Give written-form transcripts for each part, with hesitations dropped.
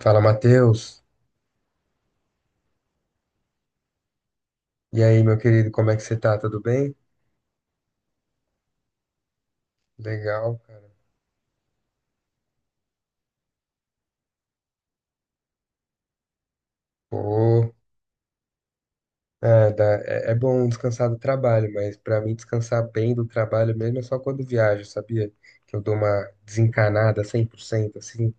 Fala, Matheus. E aí, meu querido, como é que você tá? Tudo bem? Legal, cara. Pô, é bom descansar do trabalho, mas pra mim descansar bem do trabalho mesmo é só quando viajo, sabia? Que eu dou uma desencanada 100%, assim.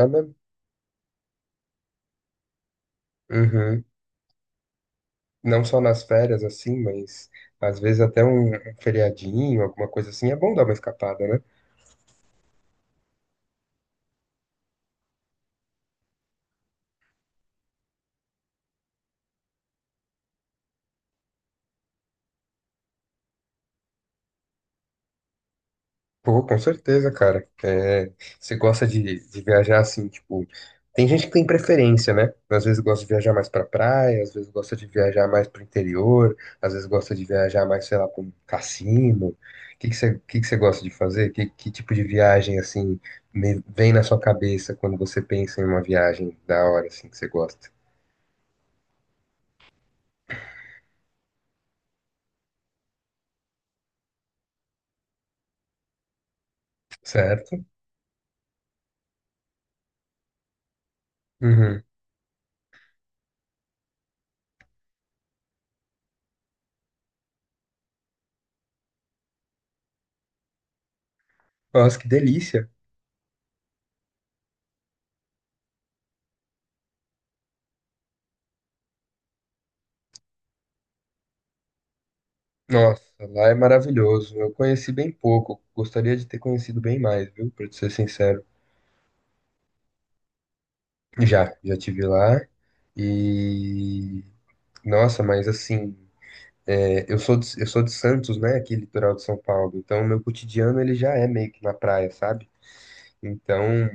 É mesmo? Uhum. Não só nas férias, assim, mas às vezes até um feriadinho, alguma coisa assim, é bom dar uma escapada, né? Pô, com certeza, cara. É, você gosta de viajar assim, tipo. Tem gente que tem preferência, né? Às vezes gosta de viajar mais pra praia, às vezes gosta de viajar mais pro interior, às vezes gosta de viajar mais, sei lá, pra um cassino. O que que você gosta de fazer? Que tipo de viagem, assim, vem na sua cabeça quando você pensa em uma viagem da hora, assim, que você gosta? Certo? Uhum. Nossa, que delícia. Nossa, lá é maravilhoso. Eu conheci bem pouco. Gostaria de ter conhecido bem mais, viu? Pra te ser sincero. Já tive lá. E nossa, mas assim, é, eu sou de Santos, né? Aqui litoral de São Paulo. Então, o meu cotidiano ele já é meio que na praia, sabe? Então,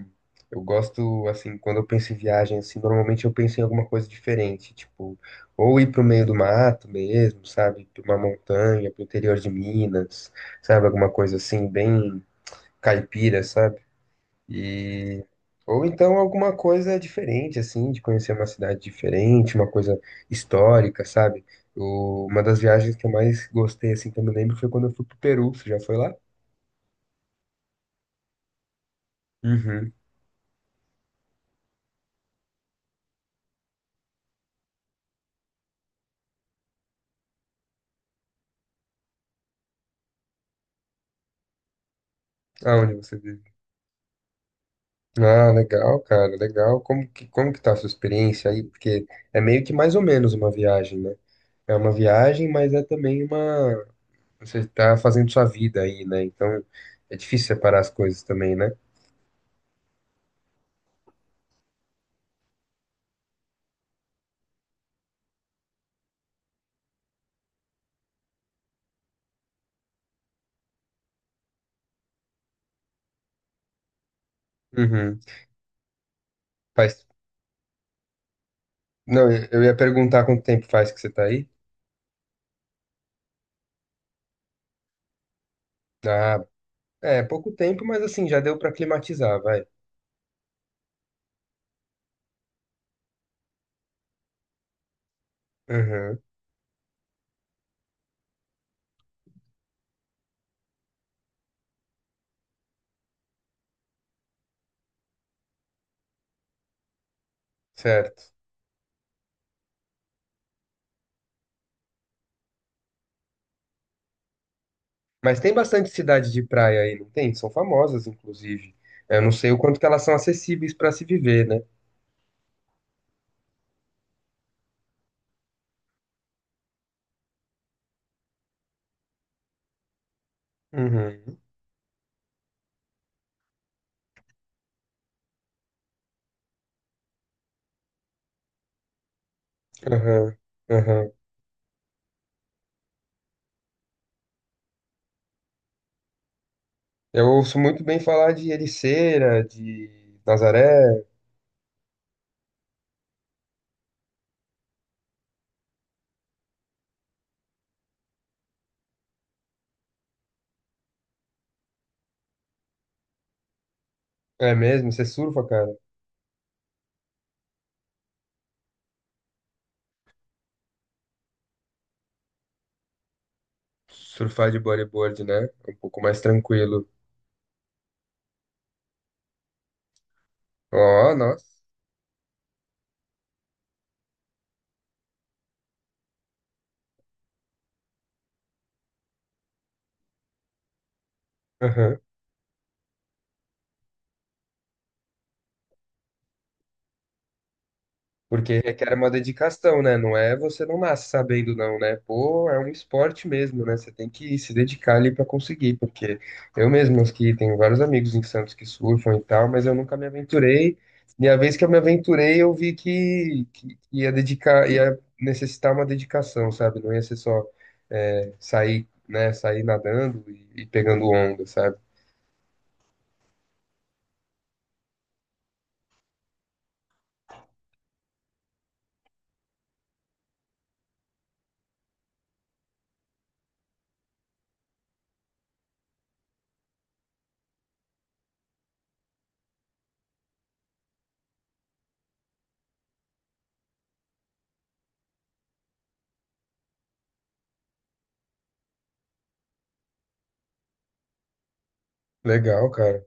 eu gosto assim, quando eu penso em viagem assim, normalmente eu penso em alguma coisa diferente, tipo, ou ir pro meio do mato mesmo, sabe? Pra uma montanha, pro interior de Minas, sabe? Alguma coisa assim, bem caipira, sabe? E ou então alguma coisa diferente assim, de conhecer uma cidade diferente, uma coisa histórica, sabe? Uma das viagens que eu mais gostei assim, que eu me lembro foi quando eu fui pro Peru. Você já foi lá? Uhum. Aonde você vive? Ah, legal, cara, legal. Como que tá a sua experiência aí? Porque é meio que mais ou menos uma viagem, né? É uma viagem, mas é também uma. Você tá fazendo sua vida aí, né? Então é difícil separar as coisas também, né? Uhum. Faz. Não, eu ia perguntar quanto tempo faz que você tá aí. Ah, é, pouco tempo, mas assim, já deu pra climatizar, vai. Aham, certo. Mas tem bastante cidade de praia aí, não tem? São famosas, inclusive. Eu não sei o quanto que elas são acessíveis pra se viver, né? Uhum, aham, aham. Eu ouço muito bem falar de Ericeira, de Nazaré. É mesmo? Você surfa, cara? Surfar de bodyboard, né? É um pouco mais tranquilo. Ó, nossa. Aham. Porque requer uma dedicação, né? Não é, você não nasce sabendo, não, né? Pô, é um esporte mesmo, né? Você tem que se dedicar ali para conseguir, porque eu mesmo aqui tenho vários amigos em Santos que surfam e tal, mas eu nunca me aventurei. E a vez que eu me aventurei, eu vi que ia dedicar, ia necessitar uma dedicação, sabe? Não ia ser só é, sair, né? Sair nadando e pegando onda, sabe? Legal, cara.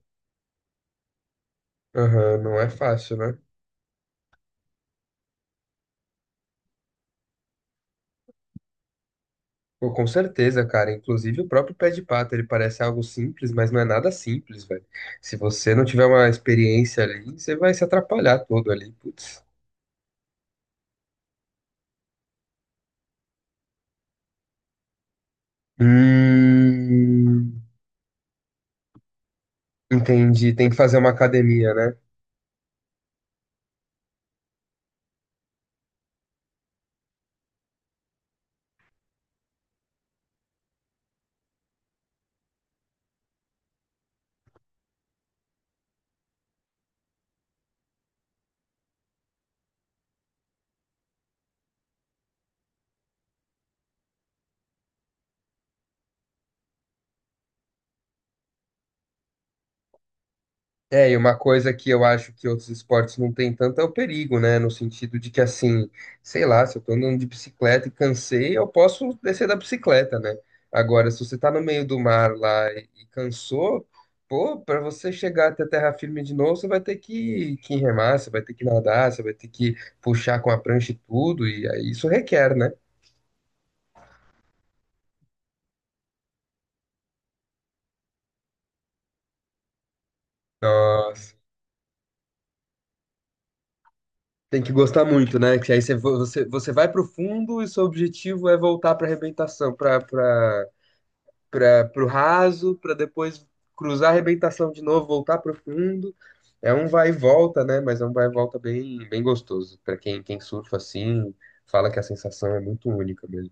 Aham, não é fácil, né? Pô, com certeza, cara. Inclusive o próprio pé de pato, ele parece algo simples, mas não é nada simples, velho. Se você não tiver uma experiência ali, você vai se atrapalhar todo ali, putz. Hum, entendi. Tem que fazer uma academia, né? É, e uma coisa que eu acho que outros esportes não têm tanto é o perigo, né? No sentido de que, assim, sei lá, se eu tô andando de bicicleta e cansei, eu posso descer da bicicleta, né? Agora, se você tá no meio do mar lá e cansou, pô, pra você chegar até terra firme de novo, você vai ter que remar, você vai ter que nadar, você vai ter que puxar com a prancha e tudo, e aí isso requer, né? Nossa. Tem que gostar muito, né? Que aí você, você, você vai pro fundo e seu objetivo é voltar pra arrebentação, pra para o raso, para depois cruzar a arrebentação de novo, voltar para o fundo. É um vai e volta, né? Mas é um vai e volta bem, bem gostoso. Para quem, quem surfa assim, fala que a sensação é muito única mesmo.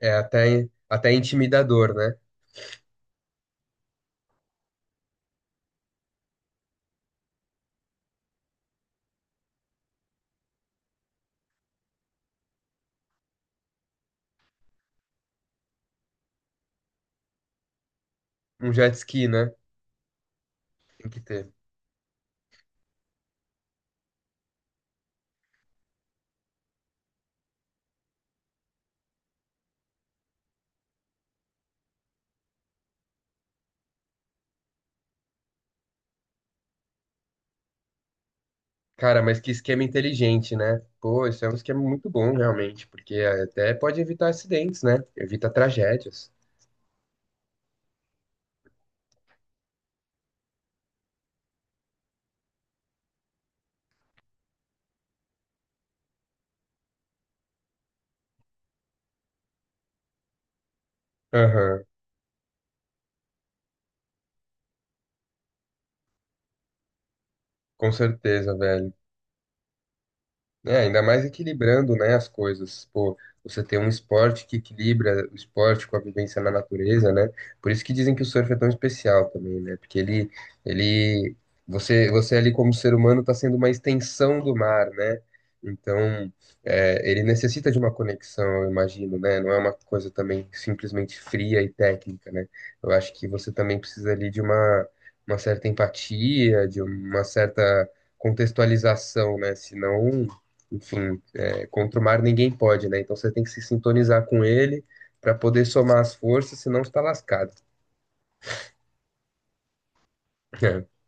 É até, até intimidador, né? Um jet ski, né? Tem que ter. Cara, mas que esquema inteligente, né? Pô, isso é um esquema muito bom, realmente, porque até pode evitar acidentes, né? Evita tragédias. Aham, com certeza, velho. É, ainda mais equilibrando, né, as coisas. Pô, você tem um esporte que equilibra o esporte com a vivência na natureza, né? Por isso que dizem que o surf é tão especial também, né? Porque ele, você, você ali como ser humano está sendo uma extensão do mar, né? Então, é, ele necessita de uma conexão, eu imagino, né? Não é uma coisa também simplesmente fria e técnica, né? Eu acho que você também precisa ali de uma certa empatia, de uma certa contextualização, né? Senão enfim, é, contra o mar ninguém pode, né? Então você tem que se sintonizar com ele para poder somar as forças, senão você tá lascado.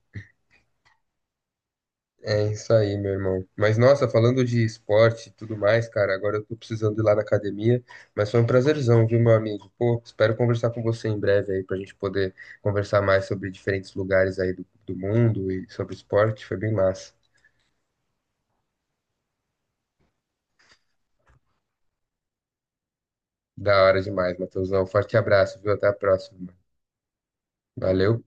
É, é isso aí, meu irmão. Mas nossa, falando de esporte e tudo mais, cara, agora eu tô precisando ir lá na academia, mas foi um prazerzão, viu, meu amigo? Pô, espero conversar com você em breve aí pra gente poder conversar mais sobre diferentes lugares aí do mundo e sobre esporte. Foi bem massa. Da hora demais, Matheusão. Forte abraço, viu? Até a próxima, mano. Valeu.